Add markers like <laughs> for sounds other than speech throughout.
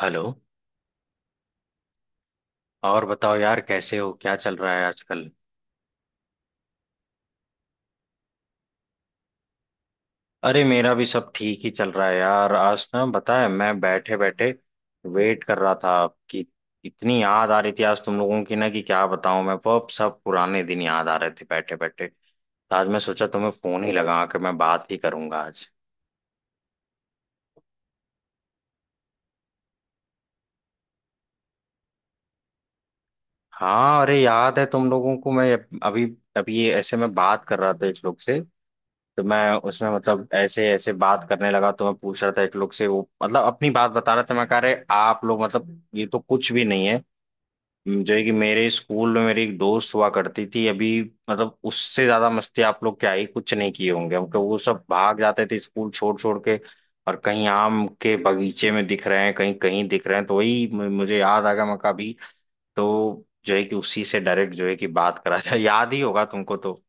Hello. और बताओ यार, कैसे हो? क्या चल रहा है आजकल? अरे मेरा भी सब ठीक ही चल रहा है यार। आज ना, बताया, मैं बैठे बैठे वेट कर रहा था कि इतनी याद आ रही थी आज तुम लोगों की ना, कि क्या बताऊं मैं, वो सब पुराने दिन याद आ रहे थे बैठे बैठे। तो आज मैं सोचा तुम्हें फोन ही लगा के मैं बात ही करूंगा आज। हाँ अरे, याद है तुम लोगों को, मैं अभी अभी ये ऐसे मैं बात कर रहा था एक लोग से। तो मैं उसमें मतलब ऐसे ऐसे बात करने लगा, तो मैं पूछ रहा था एक लोग से, वो मतलब अपनी बात बता रहा था। मैं कह रहे, आप लोग मतलब ये तो कुछ भी नहीं है जो है कि मेरे स्कूल में मेरी एक दोस्त हुआ करती थी अभी। मतलब उससे ज्यादा मस्ती आप लोग क्या ही कुछ नहीं किए होंगे, क्योंकि वो सब भाग जाते थे स्कूल छोड़ छोड़ के और कहीं आम के बगीचे में दिख रहे हैं, कहीं कहीं दिख रहे हैं। तो वही मुझे याद आ गया, मैं कहा अभी। तो जो है कि उसी से डायरेक्ट जो है कि बात करा था <laughs> याद ही होगा तुमको तो।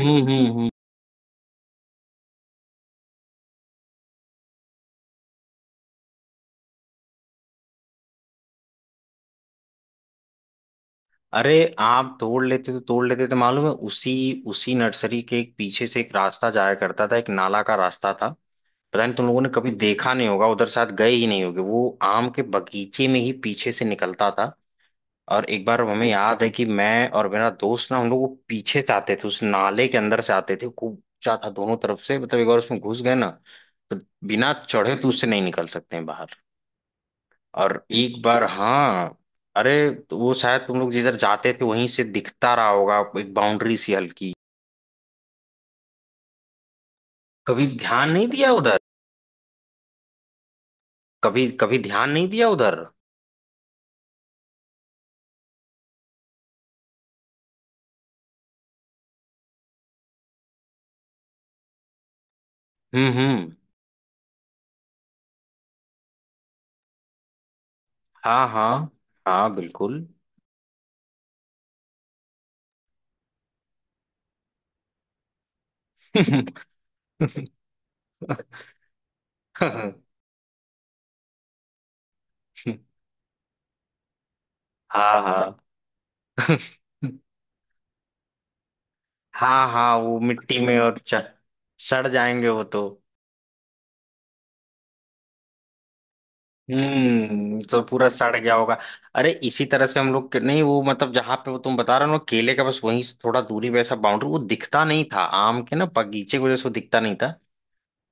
हम्म हम्म अरे, आप तोड़ लेते तो तोड़ लेते थे। मालूम है, उसी उसी नर्सरी के एक पीछे से एक रास्ता जाया करता था, एक नाला का रास्ता था। पता नहीं तुम लोगों ने कभी देखा नहीं होगा उधर, शायद गए ही नहीं होगे। वो आम के बगीचे में ही पीछे से निकलता था। और एक बार हमें याद है कि मैं और मेरा दोस्त ना, हम लोग वो पीछे से आते थे, उस नाले के अंदर से आते थे। खूब ऊंचा था दोनों तरफ से, मतलब एक बार उसमें घुस गए ना, तो बिना चढ़े तो उससे नहीं निकल सकते हैं बाहर। और एक बार, हाँ अरे, तो वो शायद तुम लोग जिधर जाते थे वहीं से दिखता रहा होगा एक बाउंड्री सी हल्की। कभी ध्यान नहीं दिया उधर, कभी कभी ध्यान नहीं दिया उधर। हम्म। हम्म। हाँ हाँ हाँ, बिल्कुल। <laughs> हाँ हाँ हाँ हाँ, वो मिट्टी में और सड़ जाएंगे वो तो। हम्म, तो पूरा सड़ गया होगा। अरे, इसी तरह से हम लोग नहीं, वो मतलब जहां पे वो तुम बता रहे हो ना, केले का, बस वहीं से थोड़ा दूरी पे ऐसा बाउंड्री वो दिखता नहीं था आम के ना बगीचे की वजह से, वो दिखता नहीं था।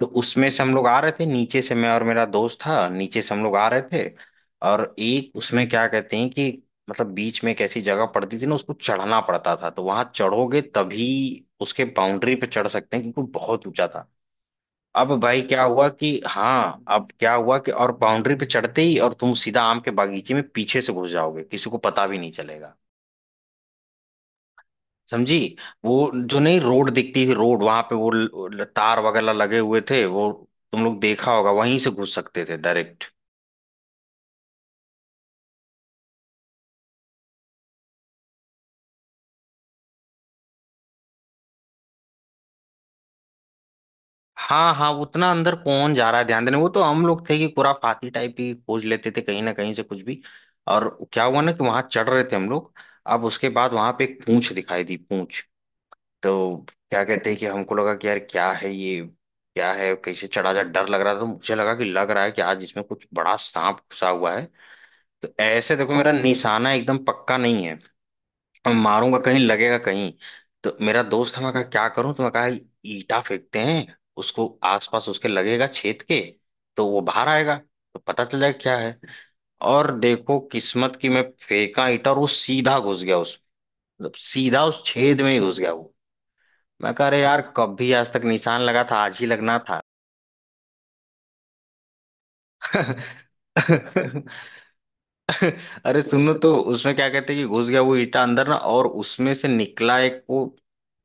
तो उसमें से हम लोग आ रहे थे नीचे से, मैं और मेरा दोस्त था, नीचे से हम लोग आ रहे थे। और एक उसमें क्या कहते हैं कि मतलब बीच में एक ऐसी जगह पड़ती थी ना, उसको चढ़ना पड़ता था। तो वहां चढ़ोगे तभी उसके बाउंड्री पे चढ़ सकते हैं, क्योंकि बहुत ऊंचा था। अब भाई क्या हुआ कि, हाँ, अब क्या हुआ कि, और बाउंड्री पे चढ़ते ही और तुम सीधा आम के बागीचे में पीछे से घुस जाओगे, किसी को पता भी नहीं चलेगा। समझी? वो जो नहीं रोड दिखती थी, रोड वहां पे वो तार वगैरह लगे हुए थे वो। तुम लोग देखा होगा, वहीं से घुस सकते थे डायरेक्ट। हाँ हाँ, उतना अंदर कौन जा रहा है ध्यान देने? वो तो हम लोग थे कि खुराफाती टाइप, ही खोज लेते थे कहीं ना कहीं से कुछ भी। और क्या हुआ ना कि वहां चढ़ रहे थे हम लोग। अब उसके बाद वहां पे एक पूंछ दिखाई दी, पूंछ। तो क्या कहते हैं कि हमको लगा कि यार क्या है ये, क्या है, कैसे चढ़ा जा, डर लग रहा था। तो मुझे लगा कि, लग रहा है कि आज इसमें कुछ बड़ा सांप घुसा हुआ है। तो ऐसे देखो, मेरा निशाना एकदम पक्का नहीं है। अब मारूंगा कहीं, लगेगा कहीं। तो मेरा दोस्त हमें कहा, क्या करूं? तो मैं कहा, ईटा फेंकते हैं उसको। आसपास उसके लगेगा छेद के, तो वो बाहर आएगा, तो पता चल जाएगा क्या है। और देखो किस्मत की, मैं फेंका ईटा और वो सीधा घुस गया उस, मतलब सीधा उस छेद में ही घुस गया वो। मैं कह रहे, यार कभी आज तक निशान लगा था, आज ही लगना था। <laughs> अरे सुनो, तो उसमें क्या कहते हैं कि घुस गया वो ईटा अंदर ना, और उसमें से निकला एक वो,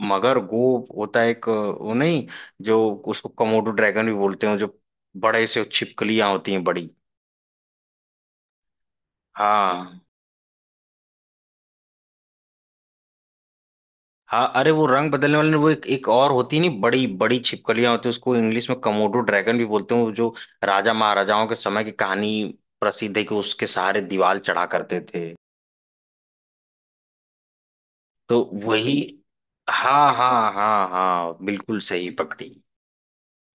मगर गोप होता है एक, वो नहीं जो, उसको कमोडो ड्रैगन भी बोलते हैं जो, बड़े से छिपकलियां होती हैं, बड़ी। हाँ हाँ, अरे वो रंग बदलने वाले ने वो, एक एक और होती है नहीं, बड़ी बड़ी छिपकलियां होती है, उसको इंग्लिश में कमोडो ड्रैगन भी बोलते हैं, वो जो राजा महाराजाओं के समय की कहानी प्रसिद्ध है कि उसके सहारे दीवार चढ़ा करते थे। तो वही। हाँ हाँ हाँ हाँ, बिल्कुल सही पकड़ी।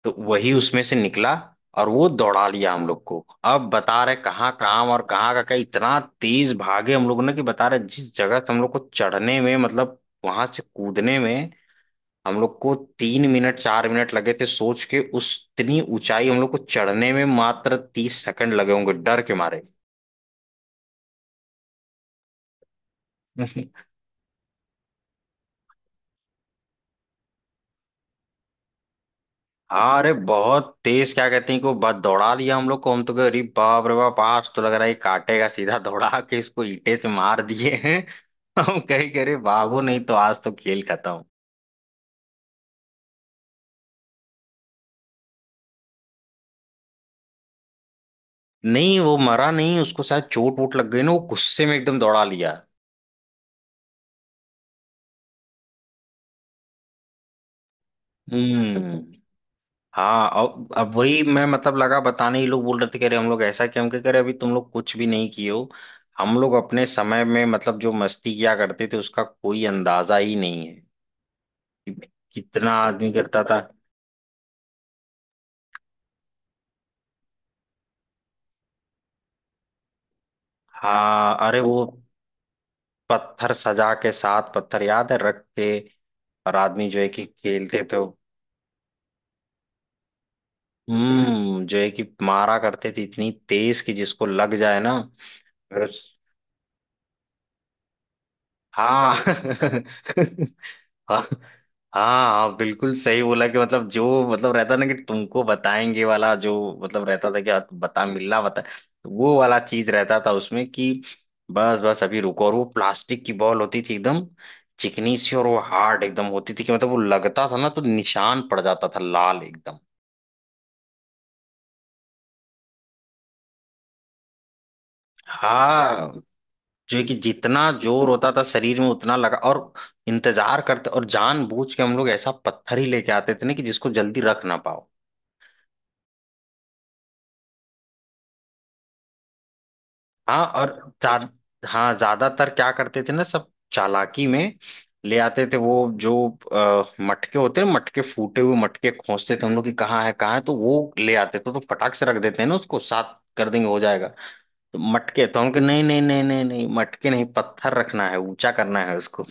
तो वही उसमें से निकला और वो दौड़ा लिया हम लोग को। अब बता रहे, कहाँ काम और कहाँ का क्या! इतना तेज भागे हम लोग ने कि बता रहे जिस जगह से हम लोग को चढ़ने में मतलब वहां से कूदने में हम लोग को 3 मिनट 4 मिनट लगे थे सोच के उस, इतनी ऊंचाई हम लोग को चढ़ने में मात्र 30 सेकंड लगे होंगे डर के मारे। <laughs> हाँ, अरे बहुत तेज, क्या कहते हैं को, बस दौड़ा लिया हम लोग को। हम तो कहे, अरे बाप रे बाप, आज तो लग रहा है ये काटेगा, सीधा दौड़ा के इसको ईंटे से मार दिए हैं। <laughs> हम कहे कि अरे बाबू नहीं तो, आज तो खेल खत्म। नहीं वो मरा नहीं, उसको शायद चोट वोट लग गई ना, वो गुस्से में एकदम दौड़ा लिया। हम्म। हाँ, अब वही मैं मतलब लगा बताने ही, लोग बोल रहे थे, कह रहे हम लोग ऐसा क्या। हम कह रहे, अभी तुम लोग कुछ भी नहीं किए हो। हम लोग अपने समय में मतलब जो मस्ती किया करते थे, उसका कोई अंदाजा ही नहीं है। कितना आदमी करता था। हाँ अरे, वो पत्थर सजा के, साथ पत्थर याद है रख के, और आदमी जो है कि खेलते थे। हम्म, जो है कि मारा करते थे इतनी तेज कि जिसको लग जाए ना, और- हाँ। <laughs> हाँ हाँ हाँ, बिल्कुल सही बोला कि मतलब जो, मतलब रहता ना कि तुमको बताएंगे वाला, जो मतलब रहता था कि आप बता, मिलना बता, वो वाला चीज रहता था उसमें कि बस बस अभी रुको। और वो प्लास्टिक की बॉल होती थी एकदम चिकनी सी, और वो हार्ड एकदम होती थी कि मतलब वो लगता था ना, तो निशान पड़ जाता था लाल एकदम। हाँ, जो है कि जितना जोर होता था शरीर में उतना लगा, और इंतजार करते, और जानबूझ के हम लोग ऐसा पत्थर ही लेके आते थे ना कि जिसको जल्दी रख ना पाओ। हाँ और हाँ, ज्यादातर क्या करते थे ना, सब चालाकी में ले आते थे वो जो, मटके होते हैं, मटके, फूटे हुए मटके खोजते थे हम लोग कि कहाँ है कहाँ है, तो वो ले आते थे, तो फटाक से रख देते हैं ना उसको, साथ कर देंगे, हो जाएगा। तो मटके तो हम कहे, नहीं नहीं नहीं नहीं नहीं, मटके नहीं, पत्थर रखना है, ऊंचा करना है उसको।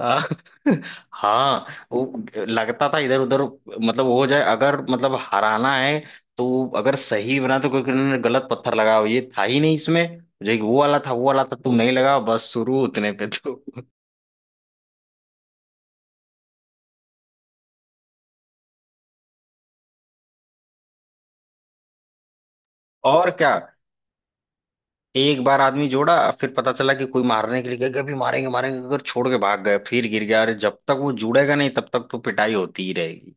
आ, <laughs> हाँ वो लगता था इधर उधर, मतलब वो हो जाए अगर, मतलब हराना है, तो अगर सही बना तो कोई किसी ने गलत पत्थर लगाओ, ये था ही नहीं इसमें, जो एक वो वाला था, वो वाला था, तुम नहीं लगाओ बस, शुरू उतने पे तो। और क्या, एक बार आदमी जोड़ा, फिर पता चला कि कोई मारने के लिए गया, कभी मारेंगे मारेंगे, अगर छोड़ के भाग गए, फिर गिर गया, अरे जब तक वो जुड़ेगा नहीं तब तक तो पिटाई होती ही रहेगी।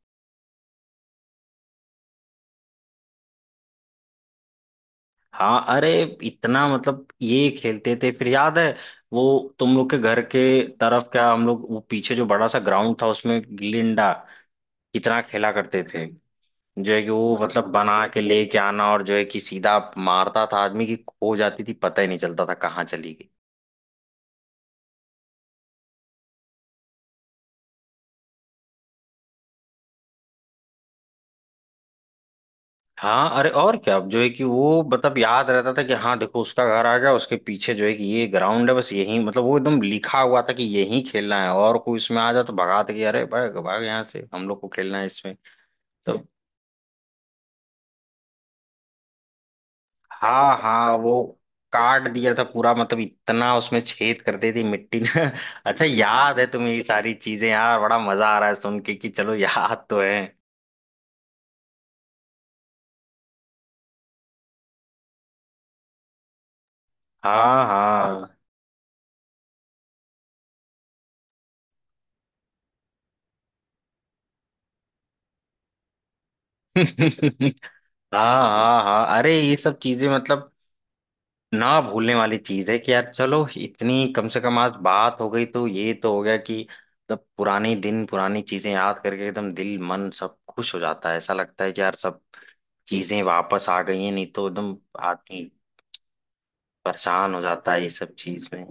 हाँ अरे, इतना मतलब ये खेलते थे। फिर याद है वो, तुम लोग के घर के तरफ क्या हम लोग वो पीछे जो बड़ा सा ग्राउंड था, उसमें गिल्ली डंडा कितना खेला करते थे। जो है कि वो मतलब बना के लेके आना, और जो है कि सीधा मारता था आदमी, की खो जाती थी, पता ही नहीं चलता था कहाँ चली गई। हाँ अरे, और क्या, अब जो है कि वो मतलब याद रहता था कि हाँ देखो उसका घर आ गया, उसके पीछे जो है कि ये ग्राउंड है, बस यही, मतलब वो एकदम लिखा हुआ था कि यही खेलना है, और कोई इसमें आ जाए तो भगा दे कि अरे भाग भाग यहाँ से, हम लोग को खेलना है इसमें। तो हाँ हाँ, वो काट दिया था पूरा, मतलब इतना उसमें छेद कर दी थी मिट्टी ने। <laughs> अच्छा याद है तुम्हें ये सारी चीजें यार, बड़ा मजा आ रहा है सुन के कि चलो याद तो है। हाँ हाँ। <laughs> हाँ हाँ हाँ हाँ, अरे ये सब चीजें मतलब ना भूलने वाली चीज है कि यार, चलो इतनी कम से कम आज बात हो गई तो ये तो हो गया कि मतलब पुराने दिन पुरानी चीजें याद करके एकदम दिल मन सब खुश हो जाता है, ऐसा लगता है कि यार सब चीजें वापस आ गई हैं, नहीं तो एकदम आदमी परेशान हो जाता है ये सब चीज में।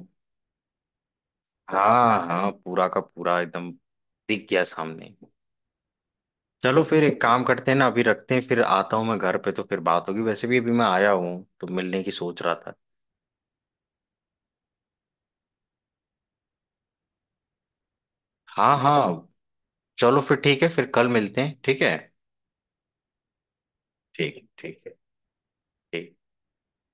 हाँ हाँ, पूरा का पूरा एकदम दिख गया सामने। चलो फिर एक काम करते हैं ना, अभी रखते हैं, फिर आता हूँ मैं घर पे तो फिर बात होगी, वैसे भी अभी मैं आया हूँ तो मिलने की सोच रहा था। हाँ हाँ, चलो फिर ठीक है, फिर कल मिलते हैं, ठीक है? ठीक है। ठीक है। ठीक।